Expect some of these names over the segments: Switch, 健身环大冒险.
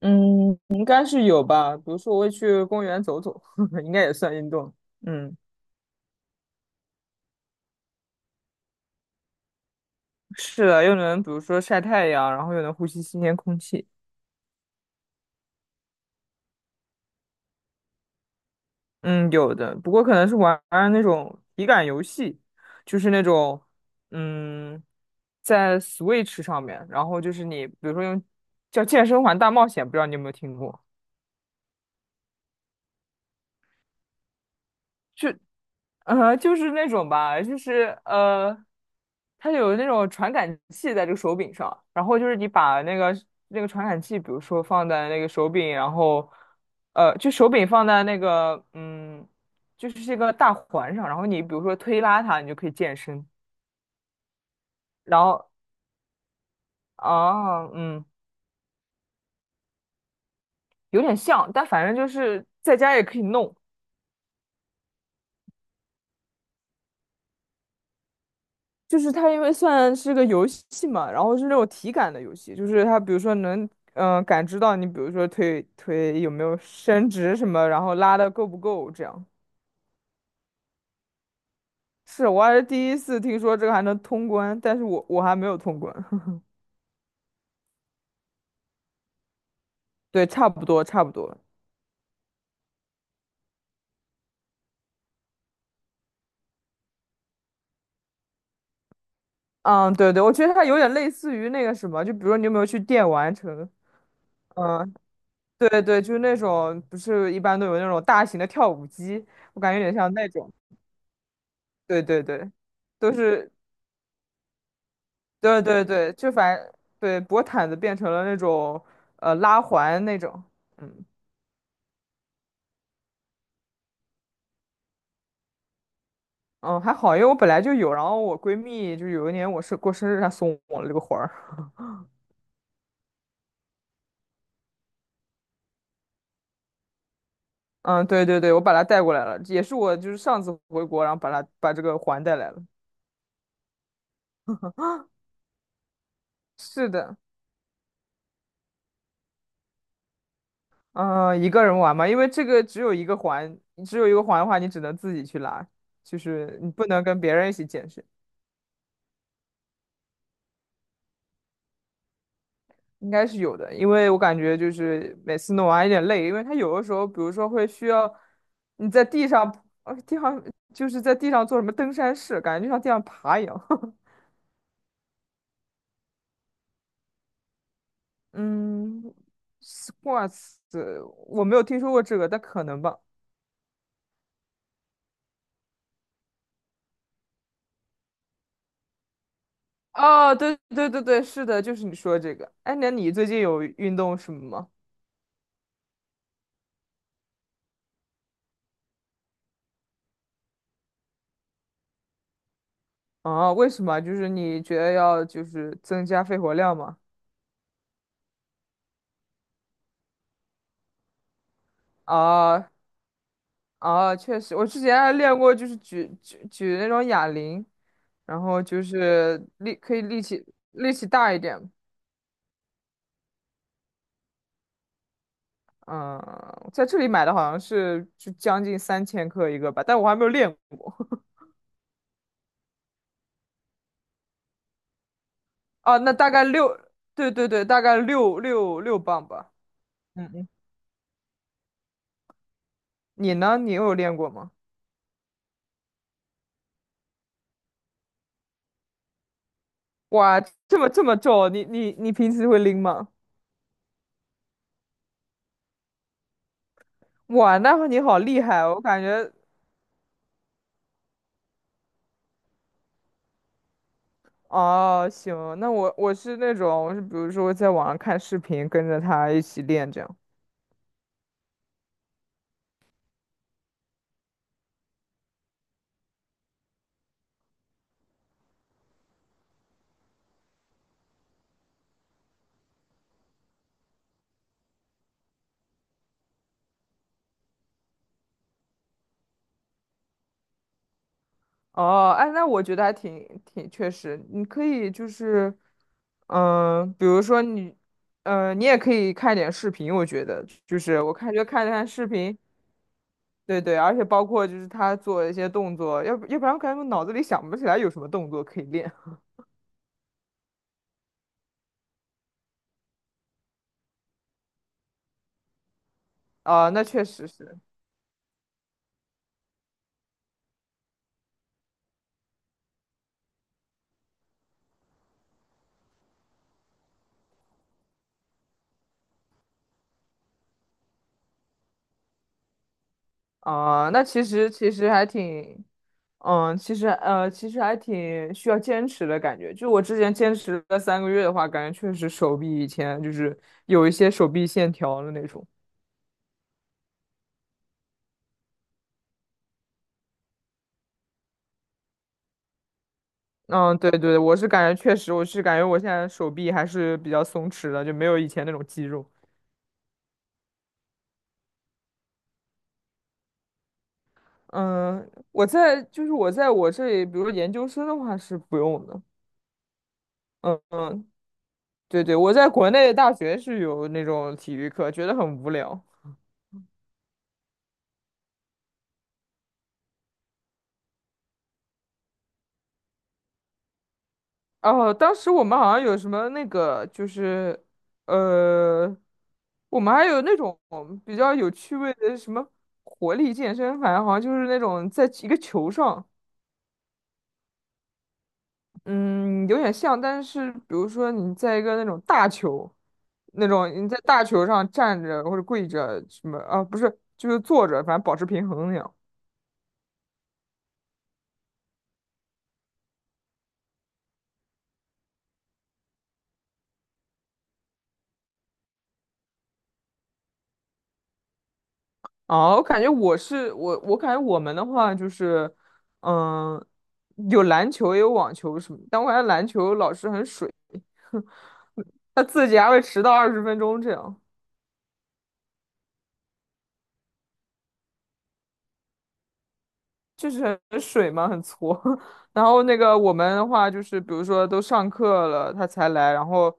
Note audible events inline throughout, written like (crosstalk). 嗯，应该是有吧。比如说，我会去公园走走，(laughs) 应该也算运动。嗯，是的，又能比如说晒太阳，然后又能呼吸新鲜空气。嗯，有的。不过可能是玩玩那种体感游戏，就是那种嗯，在 Switch 上面，然后就是你比如说用叫《健身环大冒险》，不知道你有没有听过？就。就是那种吧，它有那种传感器在这个手柄上，然后就是你把那个传感器，比如说放在那个手柄，然后就手柄放在那个就是这个大环上，然后你比如说推拉它，你就可以健身。然后啊，有点像，但反正就是在家也可以弄。就是它因为算是个游戏嘛，然后是那种体感的游戏，就是它比如说能感知到你，比如说腿有没有伸直什么，然后拉的够不够这样。是，我还是第一次听说这个还能通关，但是我还没有通关。(laughs) 对，差不多，差不多。嗯，对对，我觉得它有点类似于那个什么，就比如说你有没有去电玩城？嗯，对对，就是那种不是一般都有那种大型的跳舞机，我感觉有点像那种。对对对，都是对对对，对薄毯子变成了那种拉环那种，嗯嗯还好，因为我本来就有，然后我闺蜜就有一年我是过生日，她送我了这个环儿，嗯对对对，我把它带过来了，也是我就是上次回国，然后把它把这个环带来了。是的，嗯、一个人玩嘛，因为这个只有一个环，只有一个环的话，你只能自己去拉，就是你不能跟别人一起健身。应该是有的，因为我感觉就是每次弄完有点累，因为它有的时候，比如说会需要你在地上，呃，地上就是在地上做什么登山式，感觉就像地上爬一样。(laughs) 嗯，squats，我没有听说过这个，但可能吧。哦，对对对对，是的，就是你说的这个。哎，那你最近有运动什么吗？啊，为什么？就是你觉得要就是增加肺活量吗？啊，啊，确实，我之前还练过，就是举那种哑铃，然后就是力可以力气力气大一点。嗯，在这里买的好像是就将近3千克一个吧，但我还没有练过。啊，那大概六，对对对，大概6磅吧。嗯嗯，你呢？你有练过吗？哇，这么重，你平时会拎吗？哇，那你好厉害哦，我感觉哦，行，那我是那种，我是比如说在网上看视频，跟着他一起练这样。哦，哎，那我觉得还挺确实，你可以就是，比如说你，你也可以看点视频，我觉得就是我看看看视频，对对，而且包括就是他做一些动作，要不然我感觉我脑子里想不起来有什么动作可以练。啊、那确实是。啊、那其实还挺，其实还挺需要坚持的感觉。就我之前坚持了3个月的话，感觉确实手臂以前就是有一些手臂线条的那种。嗯，对对，我是感觉确实，我是感觉我现在手臂还是比较松弛的，就没有以前那种肌肉。嗯，我在我这里，比如研究生的话是不用的。嗯嗯，对对，我在国内大学是有那种体育课，觉得很无聊。哦，当时我们好像有什么那个，就是，呃，我们还有那种比较有趣味的什么活力健身，反正好像就是那种在一个球上，嗯，有点像，但是比如说你在一个那种大球，那种你在大球上站着或者跪着什么啊，不是，就是坐着，反正保持平衡那样。哦，我感觉我感觉我们的话就是，嗯，有篮球也有网球什么，但我感觉篮球老师很水，他自己还会迟到20分钟这样，就是很水嘛，很挫。(laughs) 然后那个我们的话就是，比如说都上课了他才来，然后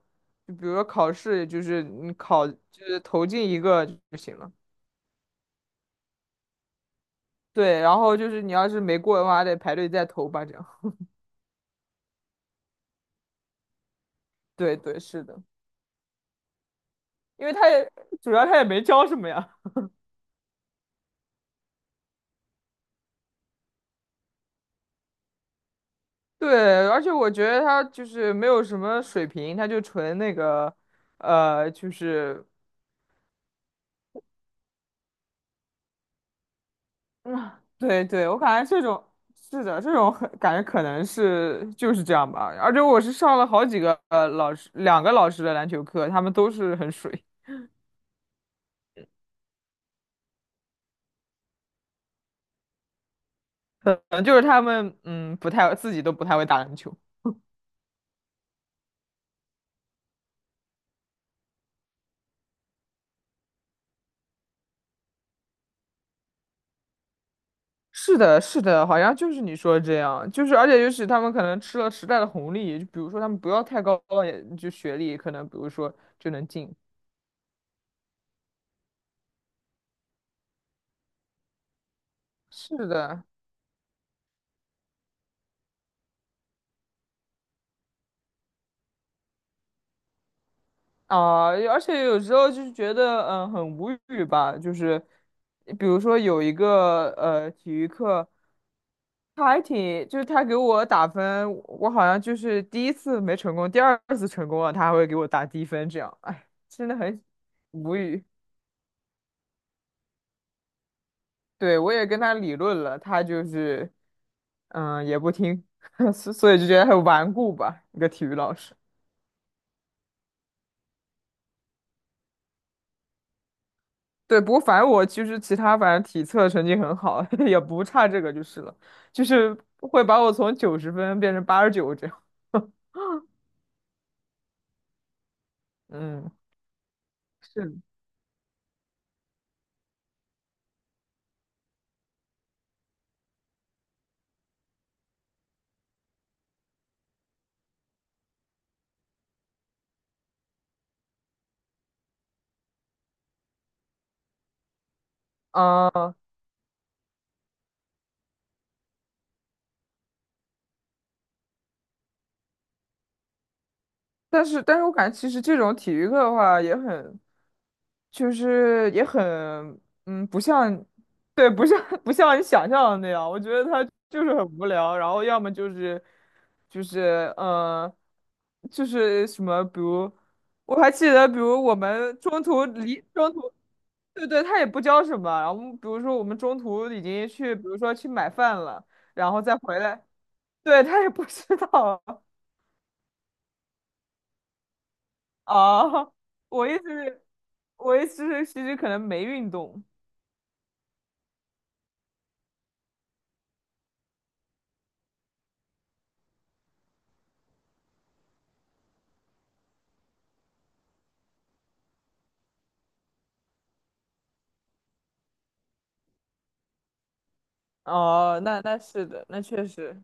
就比如说考试，就是投进一个就行了。对，然后就是你要是没过的话，还得排队再投吧，这样。(laughs) 对对，是的，因为主要他也没教什么呀。对，而且我觉得他就是没有什么水平，他就纯那个，呃，就是，嗯，对对，我感觉这种是的，这种很感觉可能是就是这样吧。而且我是上了好几个老师，两个老师的篮球课，他们都是很水，可能就是他们不太会打篮球。是的，是的，好像就是你说的这样，就是而且就是他们可能吃了时代的红利，就比如说他们不要太高的就学历，可能比如说就能进。是的。啊，而且有时候就是觉得，嗯，很无语吧。就是，比如说有一个体育课，他还挺，就是他给我打分，我好像就是第一次没成功，第二次成功了，他还会给我打低分，这样，哎，真的很无语。对，我也跟他理论了，他就是，嗯，也不听，(laughs) 所以就觉得很顽固吧，一个体育老师。对，不过反正我其实其他，反正体测成绩很好，(laughs) 也不差这个就是了，就是会把我从90分变成89这样。(laughs) 嗯，是，啊、但是我感觉其实这种体育课的话也很，就是也很，嗯，不像，对，不像 (laughs) 不像你想象的那样。我觉得他就是很无聊，然后要么就是就是嗯，就是什么，比如我还记得，比如我们中途，对对，他也不教什么。然后比如说我们中途已经去，比如说去买饭了，然后再回来，对，他也不知道 (laughs) 啊。我意思是，我意一是，其实可能没运动。哦，那是的，那确实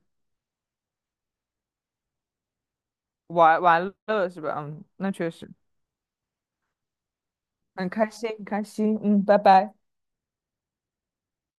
玩玩乐是吧？嗯，那确实很开心，很开心。嗯，拜拜。